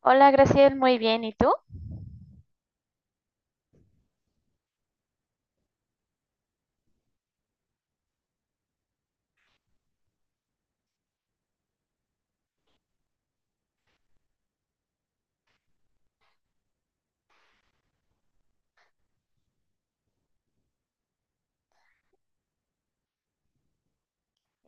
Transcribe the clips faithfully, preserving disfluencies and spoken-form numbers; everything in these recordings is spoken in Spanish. Hola, Graciel, muy bien. ¿Y tú?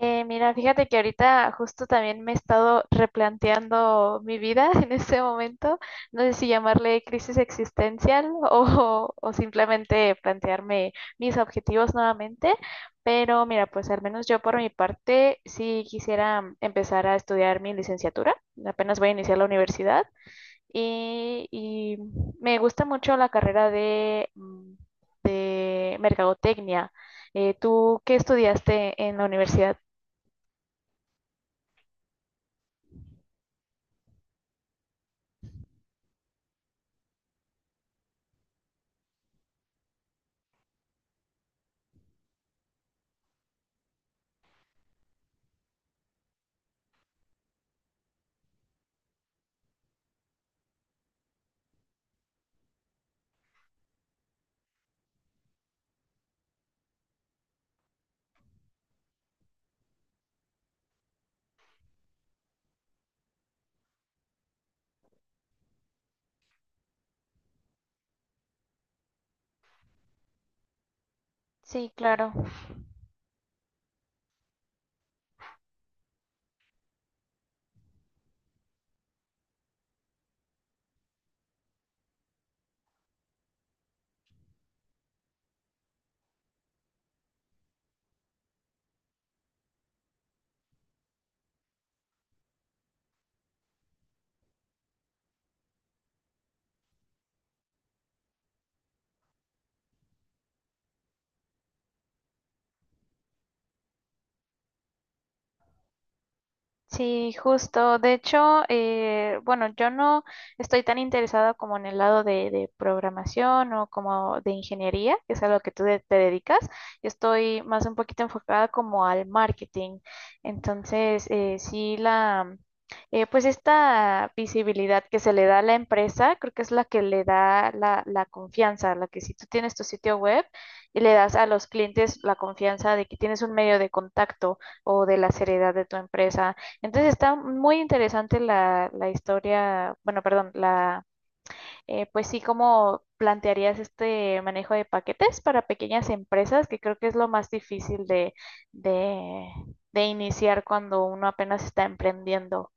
Eh, mira, fíjate que ahorita justo también me he estado replanteando mi vida en este momento. No sé si llamarle crisis existencial o, o simplemente plantearme mis objetivos nuevamente. Pero mira, pues al menos yo por mi parte sí quisiera empezar a estudiar mi licenciatura. Apenas voy a iniciar la universidad. Y, y me gusta mucho la carrera de, mm, de mercadotecnia. Eh, ¿tú qué estudiaste en la universidad? Sí, claro. Sí, justo. De hecho, eh, bueno, yo no estoy tan interesada como en el lado de, de programación o como de ingeniería, que es a lo que tú de- te dedicas. Yo estoy más un poquito enfocada como al marketing. Entonces, eh, sí, la, eh, pues esta visibilidad que se le da a la empresa, creo que es la que le da la, la confianza, la que si tú tienes tu sitio web y le das a los clientes la confianza de que tienes un medio de contacto o de la seriedad de tu empresa. Entonces está muy interesante la, la historia, bueno, perdón, la, eh, pues sí, cómo plantearías este manejo de paquetes para pequeñas empresas, que creo que es lo más difícil de, de, de iniciar cuando uno apenas está emprendiendo.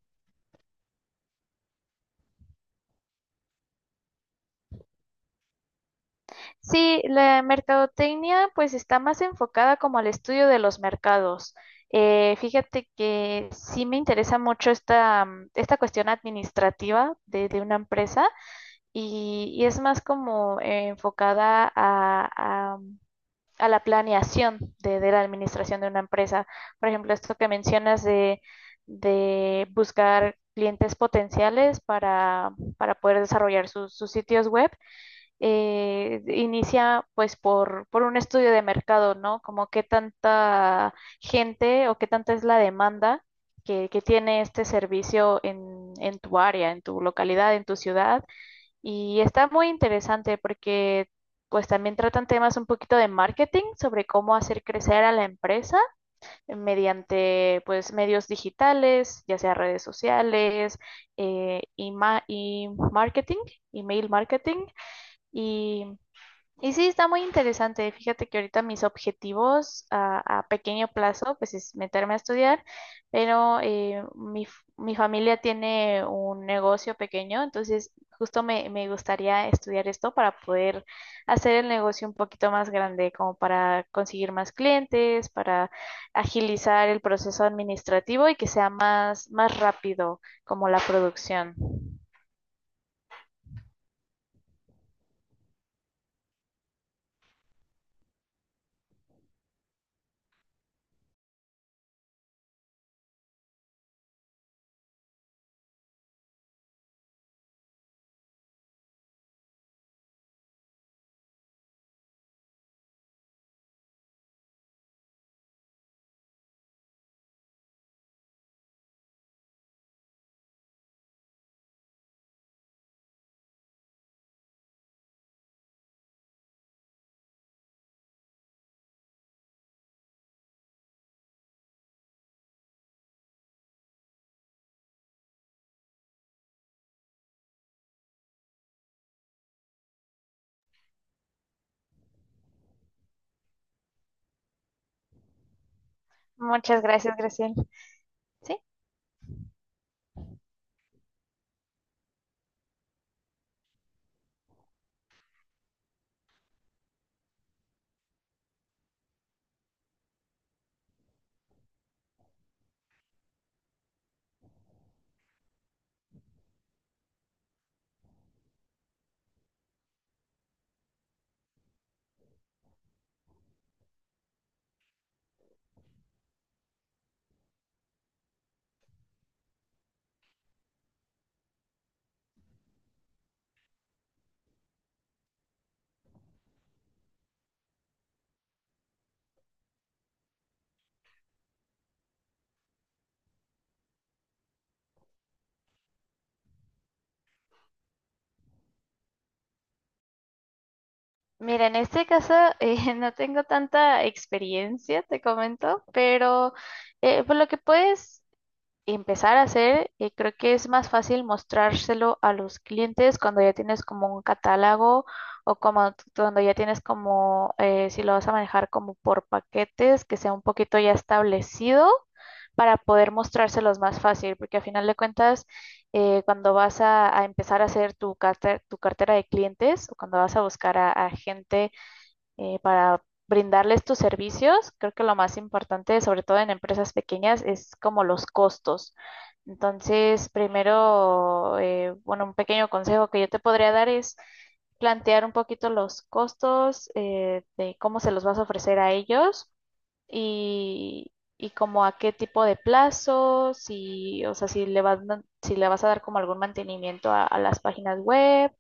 Sí, la mercadotecnia pues está más enfocada como al estudio de los mercados. Eh, fíjate que sí me interesa mucho esta, mm, esta cuestión administrativa de, de una empresa y, y es más como eh, enfocada a, a- a la planeación de, de la administración de una empresa. Por ejemplo, esto que mencionas de, de buscar clientes potenciales para, para poder desarrollar sus sus sitios web, eh, inicia pues por, por un estudio de mercado, ¿no? Como qué tanta gente o qué tanta es la demanda que, que tiene este servicio en, en tu área, en tu localidad, en tu ciudad y está muy interesante porque pues también tratan temas un poquito de marketing sobre cómo hacer crecer a la empresa mediante pues medios digitales, ya sea redes sociales, eh, y, ma- y marketing, email marketing. Y y sí, está muy interesante. Fíjate que ahorita mis objetivos a, a pequeño plazo, pues es meterme a estudiar, pero eh, mi, f- mi familia tiene un negocio pequeño, entonces justo me, me gustaría estudiar esto para poder hacer el negocio un poquito más grande, como para conseguir más clientes, para agilizar el proceso administrativo y que sea más, más rápido como la producción. Muchas gracias, Graciela. Sí. Mira, en este caso eh, no tengo tanta experiencia, te comento, pero eh, por lo que puedes empezar a hacer, eh, creo que es más fácil mostrárselo a los clientes cuando ya tienes como un catálogo o como t- cuando ya tienes como, eh, si lo vas a manejar como por paquetes, que sea un poquito ya establecido para poder mostrárselos más fácil, porque a final de cuentas eh, cuando vas a, a empezar a hacer tu cartera, tu cartera de clientes o cuando vas a buscar a, a gente eh, para brindarles tus servicios, creo que lo más importante, sobre todo en empresas pequeñas, es como los costos. Entonces, primero, eh, bueno, un pequeño consejo que yo te podría dar es plantear un poquito los costos, eh, de cómo se los vas a ofrecer a ellos y, y como a qué tipo de plazo, si, o sea, si le vas, si le vas a dar como algún mantenimiento a, a las páginas web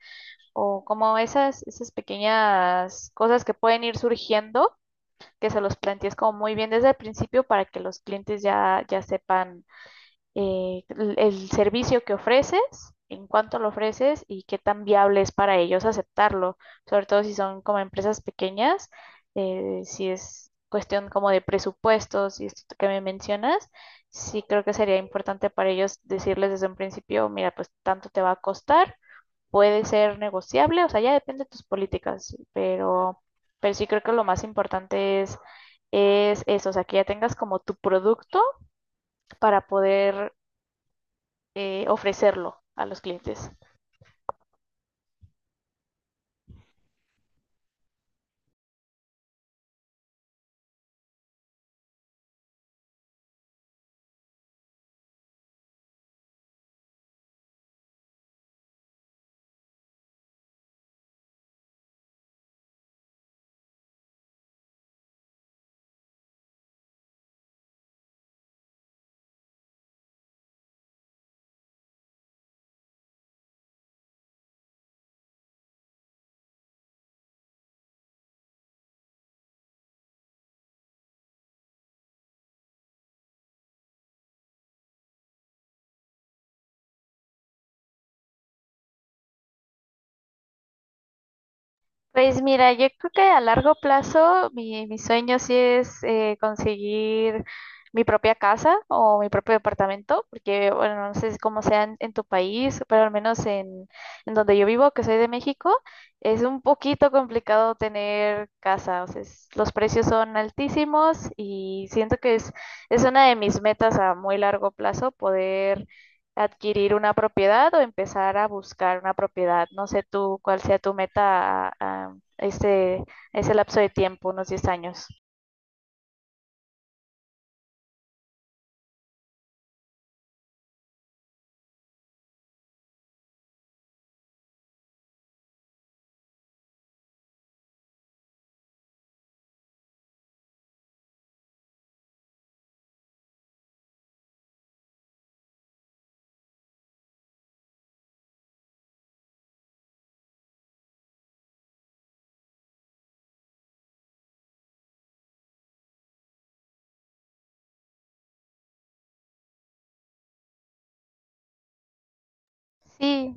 o como esas, esas pequeñas cosas que pueden ir surgiendo, que se los plantees como muy bien desde el principio para que los clientes ya, ya sepan eh, el, el servicio que ofreces, en cuánto lo ofreces y qué tan viable es para ellos aceptarlo, sobre todo si son como empresas pequeñas, eh, si es cuestión como de presupuestos y esto que me mencionas, sí creo que sería importante para ellos decirles desde un principio, mira, pues tanto te va a costar, puede ser negociable, o sea, ya depende de tus políticas, pero, pero sí creo que lo más importante es, es eso, o sea, que ya tengas como tu producto para poder eh, ofrecerlo a los clientes. Pues mira, yo creo que a largo plazo mi, mi sueño sí es eh, conseguir mi propia casa o mi propio departamento, porque bueno, no sé cómo sea en, en tu país, pero al menos en, en donde yo vivo, que soy de México, es un poquito complicado tener casa, o sea, es- los precios son altísimos y siento que es, es una de mis metas a muy largo plazo poder adquirir una propiedad o empezar a buscar una propiedad. No sé tú cuál sea tu meta a, a ese, ese lapso de tiempo, unos diez años. Sí,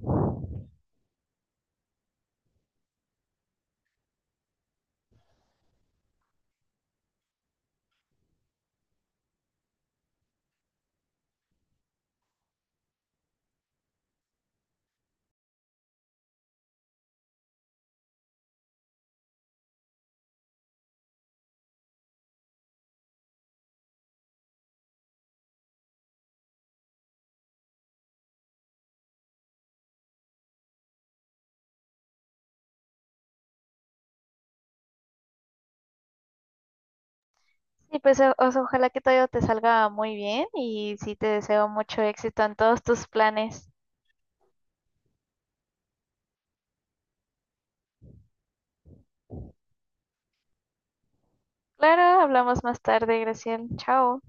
sí, pues o- o sea, ojalá que todo te salga muy bien y sí te deseo mucho éxito en todos tus planes. Claro, hablamos más tarde, Graciela. Chao.